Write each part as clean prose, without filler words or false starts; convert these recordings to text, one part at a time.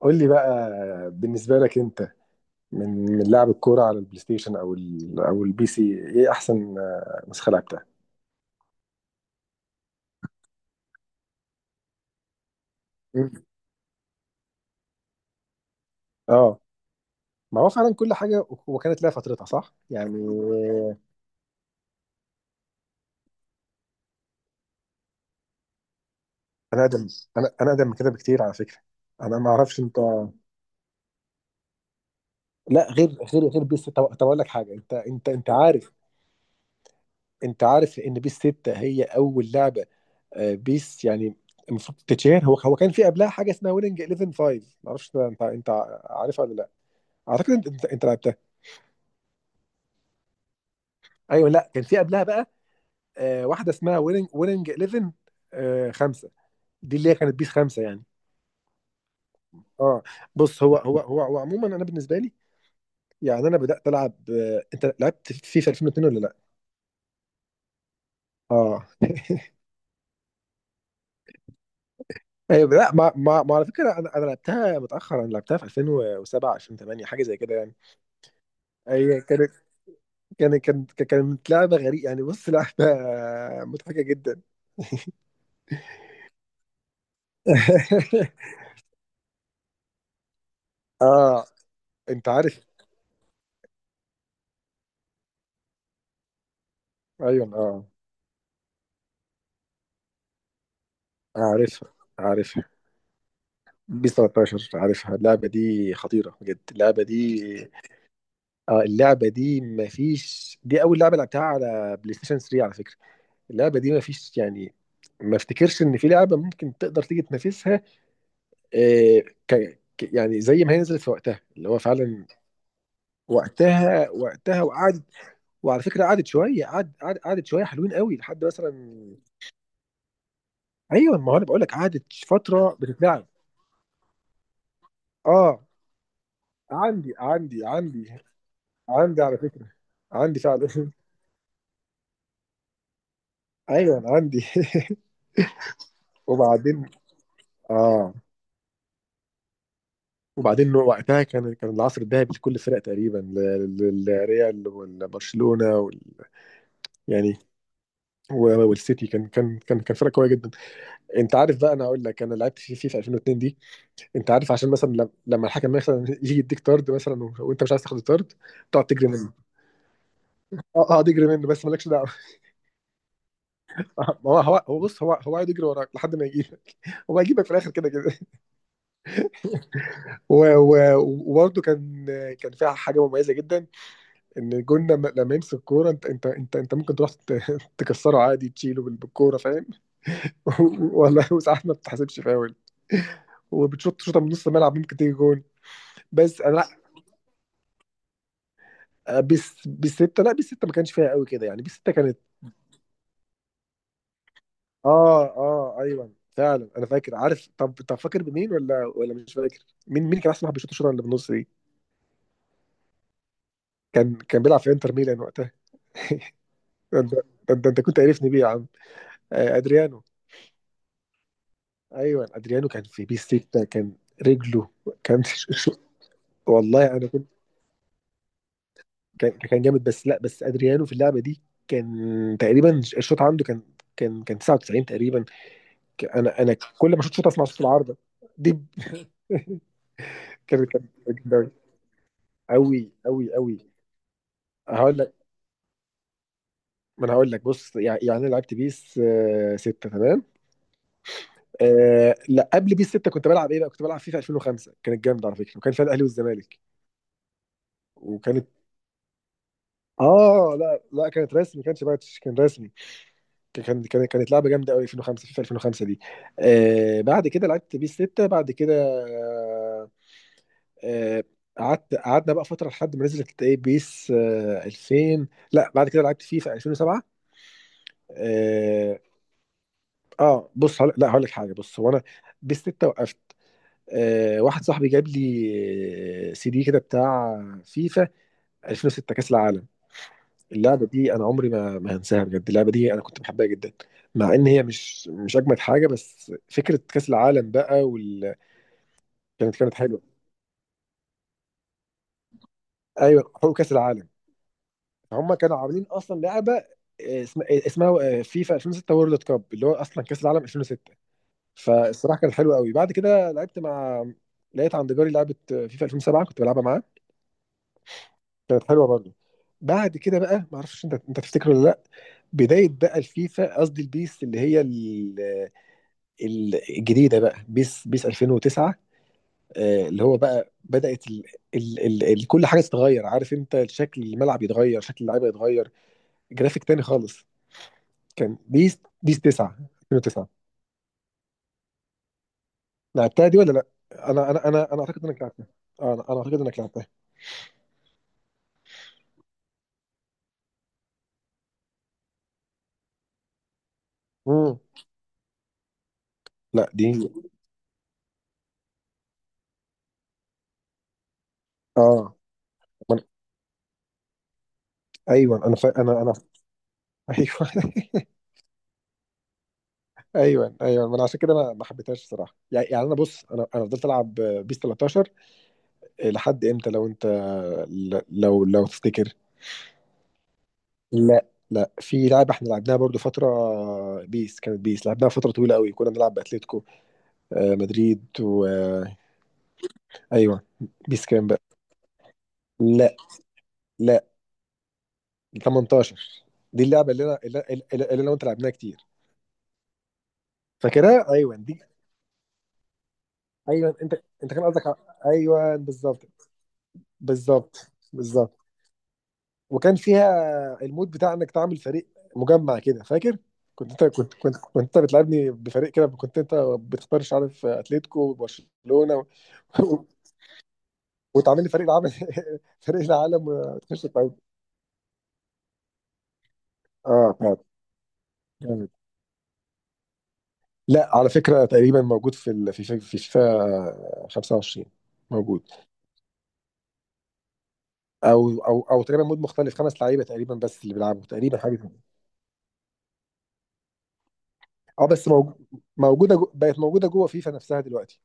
قول لي بقى، بالنسبة لك انت، من لعب الكورة على البلاي ستيشن او ال او البي سي. ايه احسن، نسخة لعبتها؟ مم. اه، ما هو فعلا كل حاجة وكانت لها فترتها، صح؟ يعني انا اقدم. انا اقدم من كده بكتير على فكرة. انا ما اعرفش انت. لا، غير بيس 6. طب اقول لك حاجة، انت عارف؟ انت عارف ان بيس 6 هي اول لعبة بيس يعني المفروض تتشير. هو كان في قبلها حاجة اسمها ويننج 11 5. ما اعرفش انت، عارفها ولا لا؟ اعتقد انت لعبتها. ايوه، لا كان في قبلها بقى واحده اسمها ويننج 11، خمسه، دي اللي هي كانت بيس خمسه يعني. اه. بص هو عموما انا بالنسبه لي، يعني انا بدات العب، انت لعبت فيفا 2002 ولا لا؟ اه ايوه لا، ما على فكره انا لعبتها متاخر، انا لعبتها في 2007 2008 حاجه زي كده يعني. هي كانت، كانت لعبه غريبه يعني، بص لعبه مضحكه جدا اه انت عارف. ايوه اه، عارفها بي 13، عارفها اللعبة دي خطيرة بجد اللعبة دي. اه، اللعبة دي مفيش، دي أول لعبة لعبتها على بلاي ستيشن 3 على فكرة. اللعبة دي مفيش يعني، ما افتكرش إن في لعبة ممكن تقدر تيجي تنافسها. آه، يعني زي ما هي نزلت في وقتها اللي هو فعلا وقتها. وقعدت، وعلى فكرة قعدت شوية، قعدت شوية حلوين قوي لحد مثلا. أيوه ما هو أنا بقول لك قعدت فترة بتتلعب. اه. عندي عندي على فكرة، عندي فعلا ايوه انا عندي وبعدين اه، وبعدين وقتها كان العصر الذهبي لكل الفرق تقريبا، للريال والبرشلونة يعني. والسيتي كان فرق قوية جدا. انت عارف بقى، انا اقول لك انا لعبت في 2002 دي. انت عارف عشان مثلا لما الحكم مثلا يجي يديك طرد مثلا، وانت مش عايز تاخد الطرد، تقعد تجري منه. اه اه، تجري منه بس مالكش دعوه ما هو بص، هو قاعد يجري وراك لحد ما يجيبك، هو هيجيبك في الاخر كده كده. و- و- وبرضه كان، فيها حاجه مميزه جدا، ان الجون لما يمسك الكوره، انت ممكن تروح تكسره عادي، تشيله بالكوره فاهم والله، وساعات ما بتحسبش فاول وبتشوط شوطه من نص الملعب ممكن تيجي جون. بس انا لا، بس بالسته لا، بالسته ما كانش فيها قوي كده يعني، بالسته كانت. اه اه ايوه فعلا، انا فاكر عارف. طب فاكر بمين ولا مش فاكر؟ مين كان احسن واحد بيشوط الشوطه اللي بالنص دي؟ كان بيلعب في انتر ميلان وقتها ده انت ده انت ده، انت كنت عارفني بيه يا عم، ادريانو. ايوه، ادريانو كان في بيس 6، كان رجله كان شو. والله انا كنت. كان جامد بس، لا بس ادريانو في اللعبه دي كان، تقريبا الشوط عنده كان، كان 99 تقريبا. انا كل ما اشوط شوط اسمع صوت العارضه دي كان قوي قوي قوي. هقول لك. ما انا هقول لك بص يعني، يعني انا لعبت بيس 6 تمام. آه لا، قبل بيس 6 كنت بلعب ايه بقى؟ كنت بلعب فيفا 2005، كانت جامده على فكره، وكان فيها الاهلي والزمالك وكانت. اه لا لا، كانت رسمي، ما كانش باتش، كان رسمي. كان كانت لعبه جامده قوي 2005، في 2005 دي. آه بعد كده لعبت بيس 6 بعد كده. آه آه، قعدت، قعدنا بقى فتره لحد ما نزلت ايه بيس 2000. لا بعد كده لعبت فيفا 2007. اه، آه بص هقول- لا هقول لك حاجه، بص هو انا بيس 6 وقفت. واحد صاحبي جاب لي سي دي كده بتاع فيفا 2006 كاس العالم. اللعبه دي انا عمري ما هنساها بجد، اللعبه دي انا كنت بحبها جدا مع ان هي مش اجمد حاجه، بس فكره كاس العالم بقى كانت، كانت حلوه. ايوه حقوق كاس العالم. هم كانوا عاملين اصلا لعبه اسمها فيفا 2006 وورلد كاب، اللي هو اصلا كاس العالم 2006. فالصراحه كانت حلوه قوي. بعد كده لعبت مع، لقيت عند جاري لعبه فيفا 2007 كنت بلعبها معاه، كانت حلوه برضه. بعد كده بقى، ما اعرفش انت، تفتكر ولا لا؟ بدايه بقى الفيفا، قصدي البيس اللي هي الجديده بقى بيس 2009، اللي هو بقى بدات ال كل حاجه تتغير، عارف انت شكل الملعب يتغير، شكل اللعيبه يتغير، جرافيك تاني خالص. كان بيس 9 2009. لعبتها دي ولا لا؟ انا اعتقد انك لعبتها. انا اعتقد انك لعبتها. امم. لا دي. اه. من... ايوه انا، ف... انا انا ايوه ايوه ايوه، ما انا عشان كده انا ما حبيتهاش الصراحه يعني، يعني انا بص، انا فضلت العب بيس 13 لحد امتى لو انت، لو تفتكر. لا لا، في لعبه احنا لعبناها برضو فتره، بيس، كانت بيس لعبناها فتره طويله قوي، كنا بنلعب باتليتيكو مدريد و آه، ايوه. بيس كام بقى؟ لا لا، 18، دي اللعبه اللي انا وانت لعبناها كتير. فاكرها ايوه دي. ايوه انت، انت كان قصدك ايوه، بالظبط بالظبط بالظبط. وكان فيها المود بتاع انك تعمل فريق مجمع كده فاكر. كنت انت بتلعبني بفريق كده، كنت انت بتختار مش عارف اتلتيكو وبرشلونه وتعمل لي فريق العالم فريق العالم وتخش تعود. اه بتاعت. جامد. لا على فكره تقريبا موجود في ال... في في في فيفا 25، موجود. او او او تقريبا مود مختلف خمس لعيبه تقريبا، بس اللي بيلعبوا تقريبا حاجه كده. اه بس موجوده بقت موجوده جوه فيفا نفسها دلوقتي.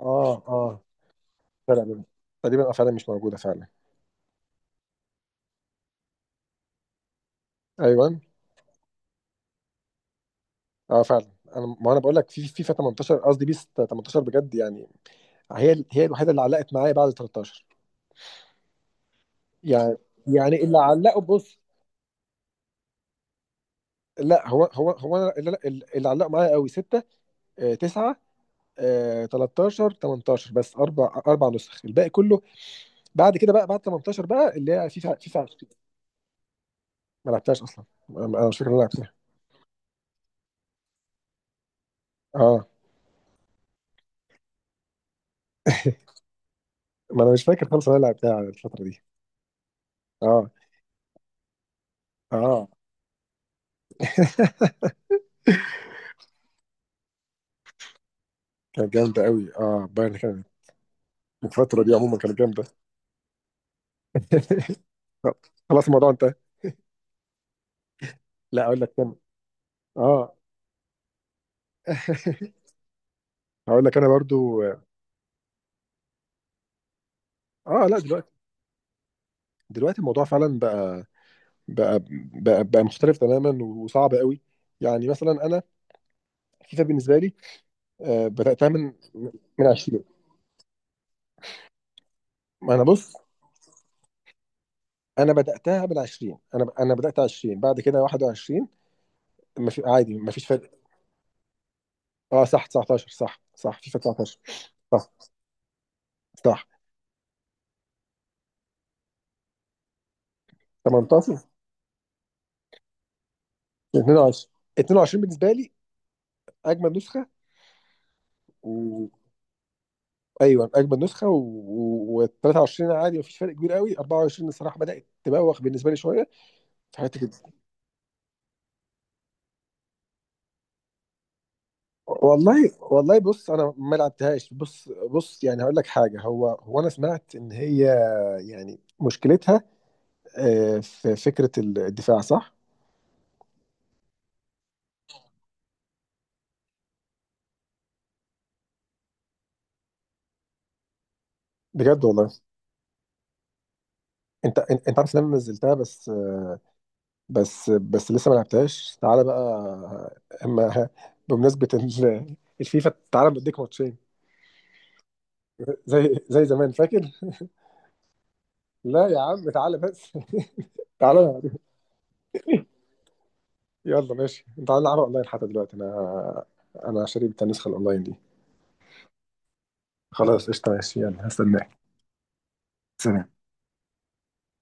اه اه فعلا، تقريبا اه فعلا مش موجوده فعلا. ايوه اه فعلا. انا، ما انا بقول لك في فيفا 18، قصدي بيس 18 بجد يعني، هي الوحيده اللي علقت معايا بعد 13 يعني، يعني اللي علقوا بص. لا هو أنا اللي علقوا معايا قوي 6 9 13 18 بس، اربع نسخ، الباقي كله بعد كده بقى، بعد 18 بقى اللي هي فيفا 20. ما لعبتهاش اصلا، انا، أنا مش فاكر إن انا لعبتها. اه ما انا مش فاكر خالص إن انا لعبتها على الفتره دي. اه اه كانت جامده قوي، اه بايرن كانت من الفتره دي عموما كانت جامده طب، خلاص الموضوع انتهى. لا اقول لك كم. اه هقول لك انا برضو. اه لا دلوقتي، دلوقتي الموضوع فعلا بقى، بقى بقى مختلف تماما وصعب قوي، يعني مثلا انا، فيفا بالنسبه لي، آه، بداتها من 20. ما انا بص، انا بداتها من 20، انا بدات 20 بعد كده 21. ما في عادي ما فيش فرق. اه صح 19، صح صح فيفا 19، صح صح 18 22. 22 بالنسبه لي اجمد نسخه و... ايوه اجمد نسخه 23 عادي مفيش فرق كبير قوي، 24 الصراحه بدات تبوخ بالنسبه لي شويه، في حته كده. والله والله بص، انا ما لعبتهاش، بص بص يعني هقول لك حاجه، هو انا سمعت ان هي يعني مشكلتها في فكره الدفاع صح؟ بجد والله. انت عارف ان انا نزلتها بس، بس لسه ما لعبتهاش، تعالى بقى اما بمناسبة الفيفا تعالى بديك ماتشين زي زمان فاكر. لا يا عم تعالى بس تعالى. يلا ماشي تعالى نلعب اونلاين حتى دلوقتي. انا شاري النسخة الاونلاين دي. خلاص قشطة ماشي يلا هستناك. سلام.